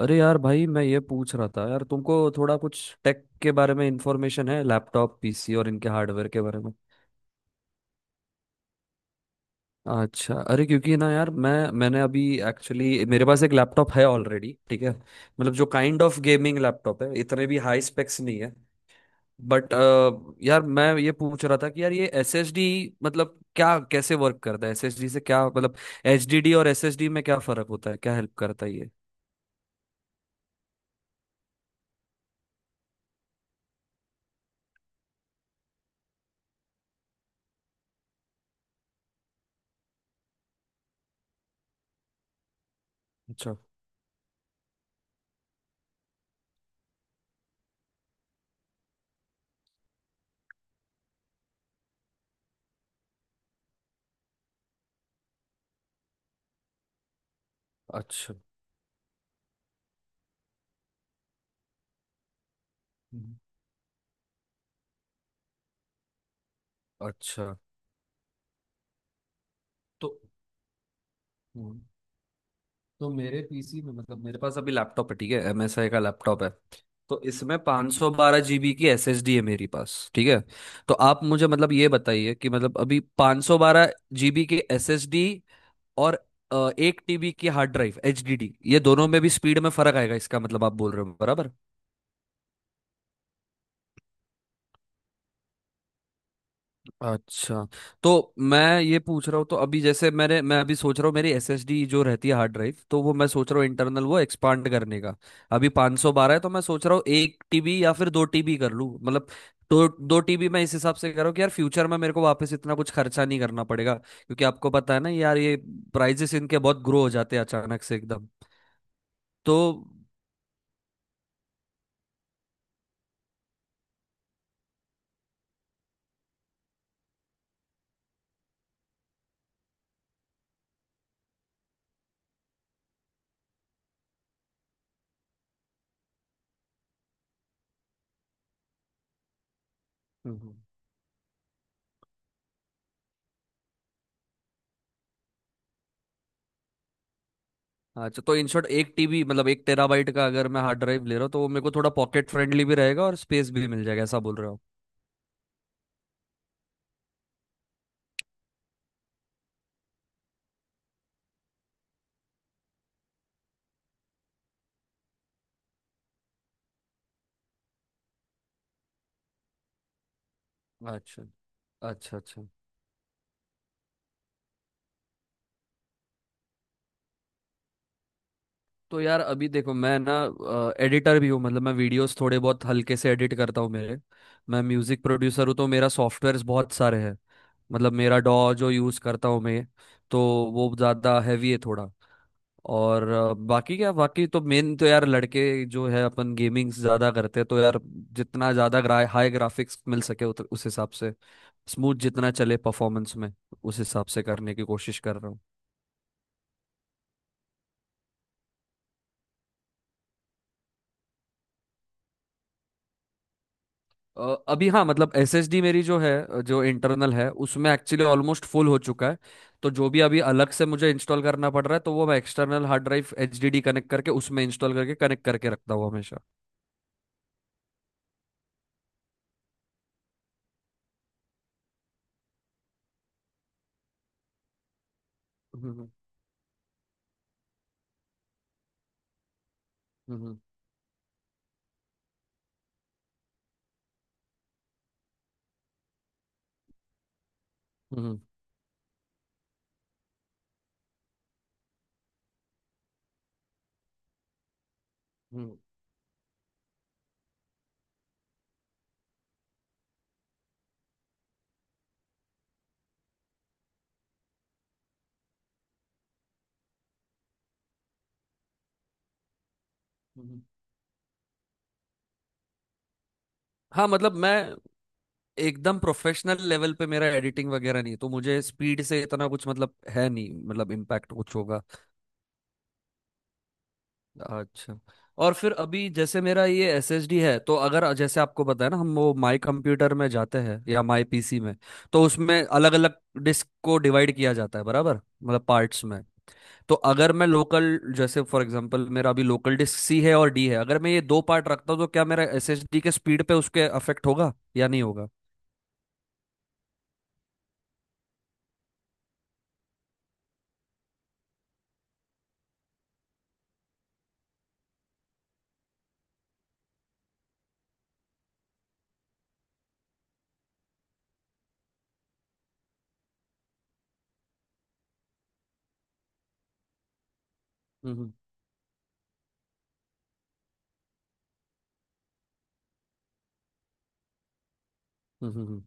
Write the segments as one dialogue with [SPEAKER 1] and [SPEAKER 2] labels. [SPEAKER 1] अरे यार भाई, मैं ये पूछ रहा था यार, तुमको थोड़ा कुछ टेक के बारे में इंफॉर्मेशन है, लैपटॉप पीसी और इनके हार्डवेयर के बारे में? अच्छा। अरे क्योंकि ना यार मैंने अभी, एक्चुअली मेरे पास एक लैपटॉप है ऑलरेडी, ठीक है, मतलब जो काइंड ऑफ गेमिंग लैपटॉप है, इतने भी हाई स्पेक्स नहीं है। बट यार, मैं ये पूछ रहा था कि यार ये एसएसडी मतलब क्या, कैसे वर्क करता है? एसएसडी से क्या मतलब? एचडीडी और एसएसडी में क्या फर्क होता है, क्या हेल्प करता है ये? अच्छा, अच्छा, हम्म, अच्छा। तो हम्म। तो मेरे पीसी में, मतलब मेरे पास अभी लैपटॉप है, ठीक है, एमएसआई का लैपटॉप है, तो इसमें 512 जीबी की एसएसडी है मेरी पास, ठीक है। तो आप मुझे मतलब ये बताइए कि मतलब अभी 512 जीबी की एसएसडी और एक टीबी की हार्ड ड्राइव एचडीडी, ये दोनों में भी स्पीड में फर्क आएगा, इसका मतलब आप बोल रहे हो, बराबर? अच्छा। तो मैं ये पूछ रहा हूँ, तो अभी जैसे मैं अभी सोच रहा हूँ, मेरी एसएसडी जो रहती है हार्ड ड्राइव, तो वो मैं सोच रहा हूँ इंटरनल वो एक्सपांड करने का। अभी 512 है, तो मैं सोच रहा हूँ एक टीबी या फिर दो टीबी कर लूँ, मतलब दो दो टीबी। मैं इस हिसाब से कर रहा हूँ कि यार फ्यूचर में मेरे को वापस इतना कुछ खर्चा नहीं करना पड़ेगा, क्योंकि आपको पता है ना यार, ये प्राइजेस इनके बहुत ग्रो हो जाते हैं अचानक से एकदम। तो हम्म। अच्छा, तो इन शॉर्ट एक टीबी, मतलब एक टेराबाइट का अगर मैं हार्ड ड्राइव ले रहा हूँ, तो वो मेरे को थोड़ा पॉकेट फ्रेंडली भी रहेगा और स्पेस भी मिल जाएगा, ऐसा बोल रहे हो? अच्छा, अच्छा, अच्छा। तो यार अभी देखो, मैं ना एडिटर भी हूँ, मतलब मैं वीडियोस थोड़े बहुत हल्के से एडिट करता हूँ मेरे मैं म्यूजिक प्रोड्यूसर हूँ, तो मेरा सॉफ्टवेयर्स बहुत सारे हैं। मतलब मेरा डॉ जो यूज़ करता हूँ मैं, तो वो ज़्यादा हैवी है थोड़ा। और बाकी क्या, बाकी तो मेन तो यार, लड़के जो है अपन गेमिंग ज़्यादा करते हैं, तो यार जितना ज़्यादा हाई ग्राफिक्स मिल सके, उस हिसाब से स्मूथ जितना चले परफॉर्मेंस में, उस हिसाब से करने की कोशिश कर रहा हूँ। अभी, हाँ, मतलब एसएसडी मेरी जो है, जो इंटरनल है उसमें, एक्चुअली ऑलमोस्ट फुल हो चुका है। तो जो भी अभी अलग से मुझे इंस्टॉल करना पड़ रहा है, तो वो मैं external hard drive HDD connect करके उसमें इंस्टॉल करके कनेक्ट करके रखता हूँ हमेशा। हम्म, हम्म, हम्म, हम्म, हम्म। हाँ, मतलब मैं एकदम प्रोफेशनल लेवल पे मेरा एडिटिंग वगैरह नहीं है, तो मुझे स्पीड से इतना कुछ मतलब है नहीं, मतलब इम्पैक्ट कुछ होगा। अच्छा। और फिर अभी जैसे मेरा ये एस एस डी है, तो अगर जैसे आपको पता है ना, हम वो माई कंप्यूटर में जाते हैं या माई पीसी में, तो उसमें अलग अलग डिस्क को डिवाइड किया जाता है बराबर, मतलब पार्ट्स में। तो अगर मैं लोकल, जैसे फॉर एग्जांपल मेरा अभी लोकल डिस्क सी है और डी है, अगर मैं ये दो पार्ट रखता हूँ तो क्या मेरा एस एस डी के स्पीड पे उसके अफेक्ट होगा या नहीं होगा? हम्म, हम्म, हम्म,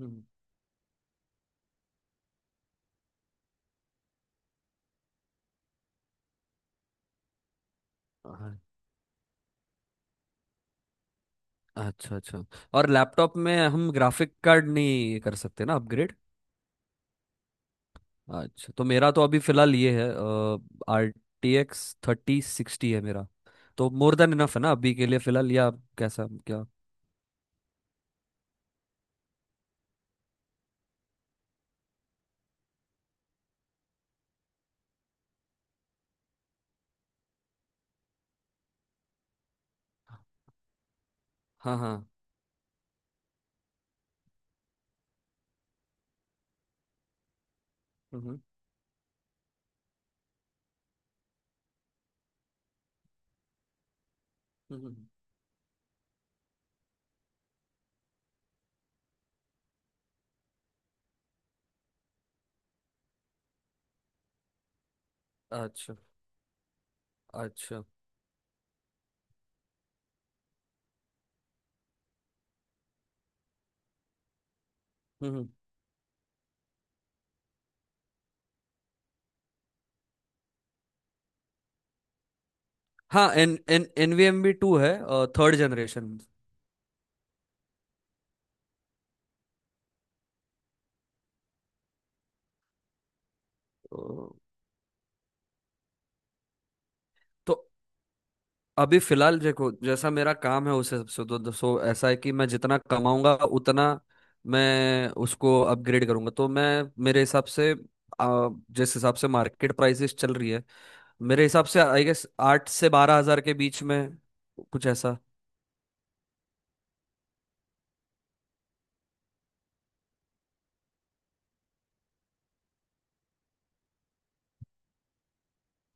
[SPEAKER 1] हम्म, हम्म। अच्छा, अच्छा। और लैपटॉप में हम ग्राफिक कार्ड नहीं कर सकते ना अपग्रेड? अच्छा, तो मेरा तो अभी फिलहाल ये है, आर टी एक्स 3060 है मेरा। तो मोर देन इनफ है ना अभी के लिए फिलहाल, या कैसा क्या? हाँ, हाँ, हम्म, हम्म, हम्म, अच्छा, अच्छा, हम्म। हाँ, एन एन एनवीएमबी टू है, थर्ड जनरेशन। तो तो अभी फिलहाल देखो, जैसा मेरा काम है उस हिसाब से, सो ऐसा है कि मैं जितना कमाऊंगा उतना मैं उसको अपग्रेड करूंगा, तो मैं, मेरे हिसाब से, जिस हिसाब से मार्केट प्राइसेस चल रही है, मेरे हिसाब से आई गेस 8 से 12 हज़ार के बीच में, कुछ ऐसा।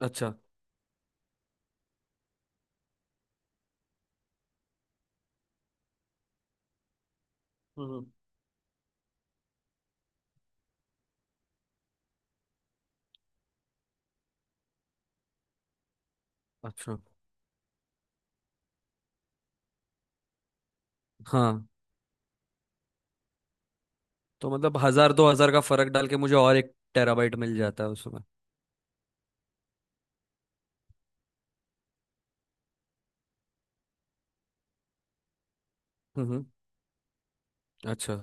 [SPEAKER 1] अच्छा, हम्म, अच्छा, हाँ। तो मतलब हजार दो हजार का फर्क डाल के मुझे और एक टेराबाइट मिल जाता है उसमें? हम्म, अच्छा,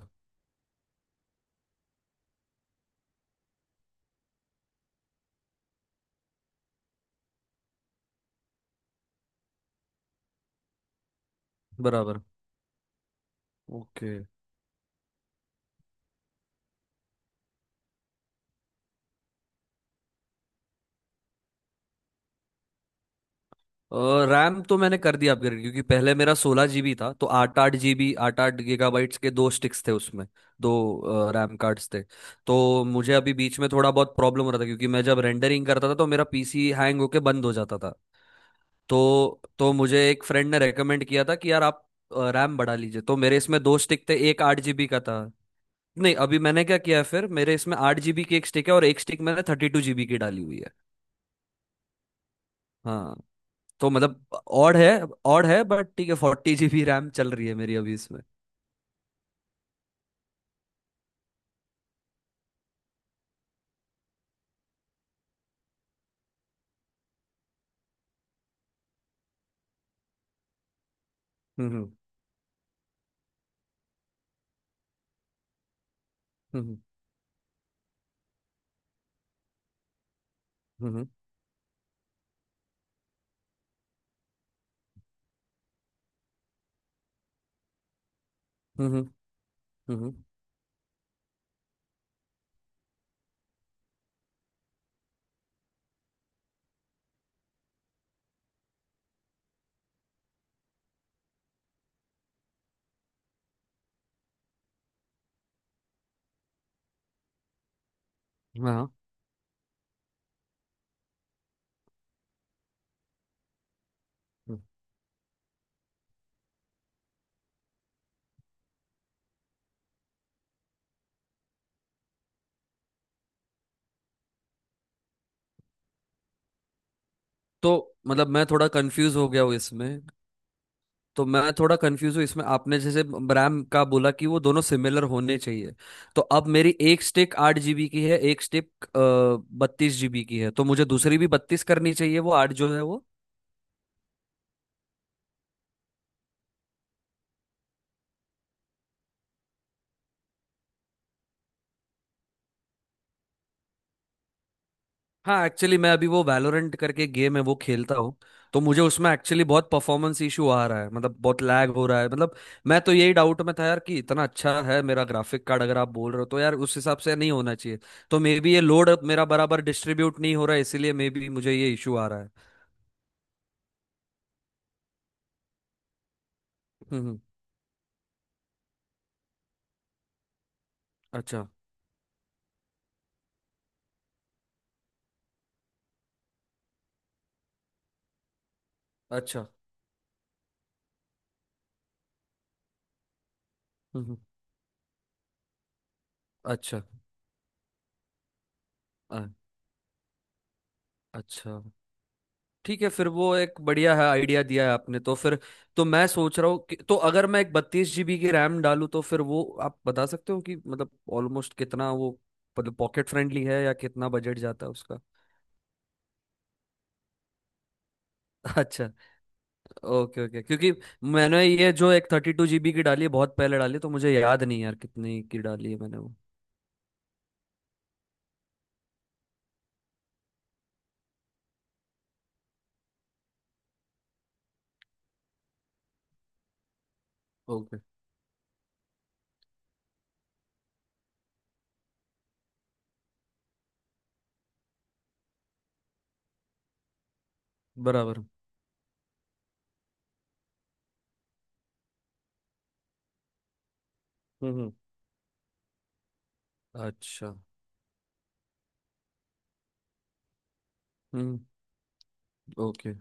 [SPEAKER 1] बराबर, ओके। रैम तो मैंने कर दिया अपग्रेड, क्योंकि पहले मेरा 16 जीबी था, तो आठ आठ जीबी, आठ आठ गीगाबाइट्स के दो स्टिक्स थे उसमें, दो रैम कार्ड्स थे। तो मुझे अभी बीच में थोड़ा बहुत प्रॉब्लम हो रहा था, क्योंकि मैं जब रेंडरिंग करता था तो मेरा पीसी हैंग होके बंद हो जाता था। तो मुझे एक फ्रेंड ने रेकमेंड किया था कि यार आप रैम बढ़ा लीजिए, तो मेरे इसमें दो स्टिक थे, एक 8 जीबी का था। नहीं, अभी मैंने क्या किया है फिर, मेरे इसमें आठ जीबी की एक स्टिक है और एक स्टिक मैंने 32 जीबी की डाली हुई है। हाँ। तो मतलब ऑड है, ऑड है, बट ठीक है, 40 जीबी रैम चल रही है मेरी अभी इसमें। हम्म, हम्म, हम्म, हम्म, हम्म, हम्म, हम्म, हाँ। तो मतलब मैं थोड़ा कंफ्यूज हो गया हूँ इसमें। तो मैं थोड़ा कंफ्यूज हूँ इसमें, आपने जैसे रैम का बोला कि वो दोनों सिमिलर होने चाहिए। तो अब मेरी एक स्टिक आठ जीबी की है, एक स्टिक 32 जीबी की है, तो मुझे दूसरी भी बत्तीस करनी चाहिए, वो आठ जो है वो। हाँ, एक्चुअली मैं अभी वो वैलोरेंट करके गेम है वो खेलता हूँ, तो मुझे उसमें एक्चुअली बहुत परफॉर्मेंस इशू आ रहा है, मतलब बहुत लैग हो रहा है। मतलब मैं तो यही डाउट में था यार, कि इतना अच्छा है मेरा ग्राफिक कार्ड, अगर आप बोल रहे हो तो यार उस हिसाब से नहीं होना चाहिए। तो मे बी ये लोड मेरा बराबर डिस्ट्रीब्यूट नहीं हो रहा है, इसीलिए मे बी मुझे ये इशू आ रहा है। हम्म, अच्छा, अच्छा, हम्म, अच्छा। अ- अच्छा, ठीक है फिर, वो एक बढ़िया है आइडिया दिया है आपने तो फिर। तो मैं सोच रहा हूँ कि तो अगर मैं एक 32 जीबी की रैम डालूँ, तो फिर वो आप बता सकते हो कि मतलब ऑलमोस्ट कितना वो, मतलब पॉकेट फ्रेंडली है या कितना बजट जाता है उसका? अच्छा। ओके, ओके, क्योंकि मैंने ये जो एक 32 जीबी की डाली है, बहुत पहले डाली है, तो मुझे याद नहीं यार कितनी की डाली है मैंने वो। ओके, बराबर, हम्म, अच्छा, हम्म, ओके।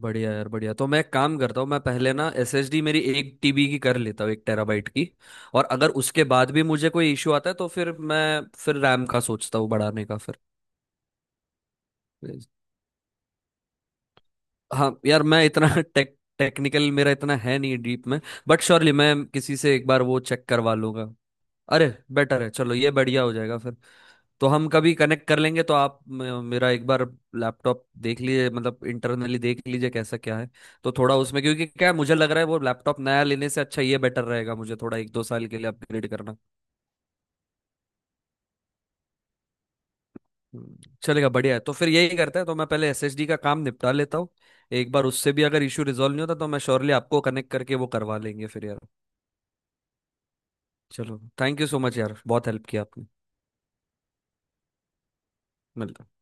[SPEAKER 1] बढ़िया यार, बढ़िया। तो मैं एक काम करता हूँ, मैं पहले ना एसएसडी मेरी एक टीबी की कर लेता हूँ, एक टेराबाइट की। और अगर उसके बाद भी मुझे कोई इश्यू आता है, तो फिर मैं फिर रैम का सोचता हूँ बढ़ाने का फिर। हाँ यार, मैं इतना टेक्निकल मेरा इतना है नहीं डीप में, बट श्योरली मैं किसी से एक बार वो चेक करवा लूंगा। अरे, बेटर है, चलो ये बढ़िया हो जाएगा फिर। तो हम कभी कनेक्ट कर लेंगे, तो आप मेरा एक बार लैपटॉप देख लीजिए, मतलब इंटरनली देख लीजिए कैसा क्या है। तो थोड़ा उसमें, क्योंकि क्या है, मुझे लग रहा है वो लैपटॉप नया लेने से अच्छा ये बेटर रहेगा, मुझे थोड़ा एक दो साल के लिए अपग्रेड करना। हम्म, चलेगा, बढ़िया है, तो फिर यही करते हैं। तो मैं पहले एसएसडी का काम निपटा लेता हूँ। एक बार उससे भी अगर इशू रिजॉल्व नहीं होता, तो मैं श्योरली आपको कनेक्ट करके वो करवा लेंगे फिर यार। चलो, थैंक यू सो मच यार, बहुत हेल्प किया आपने। मिलते हैं।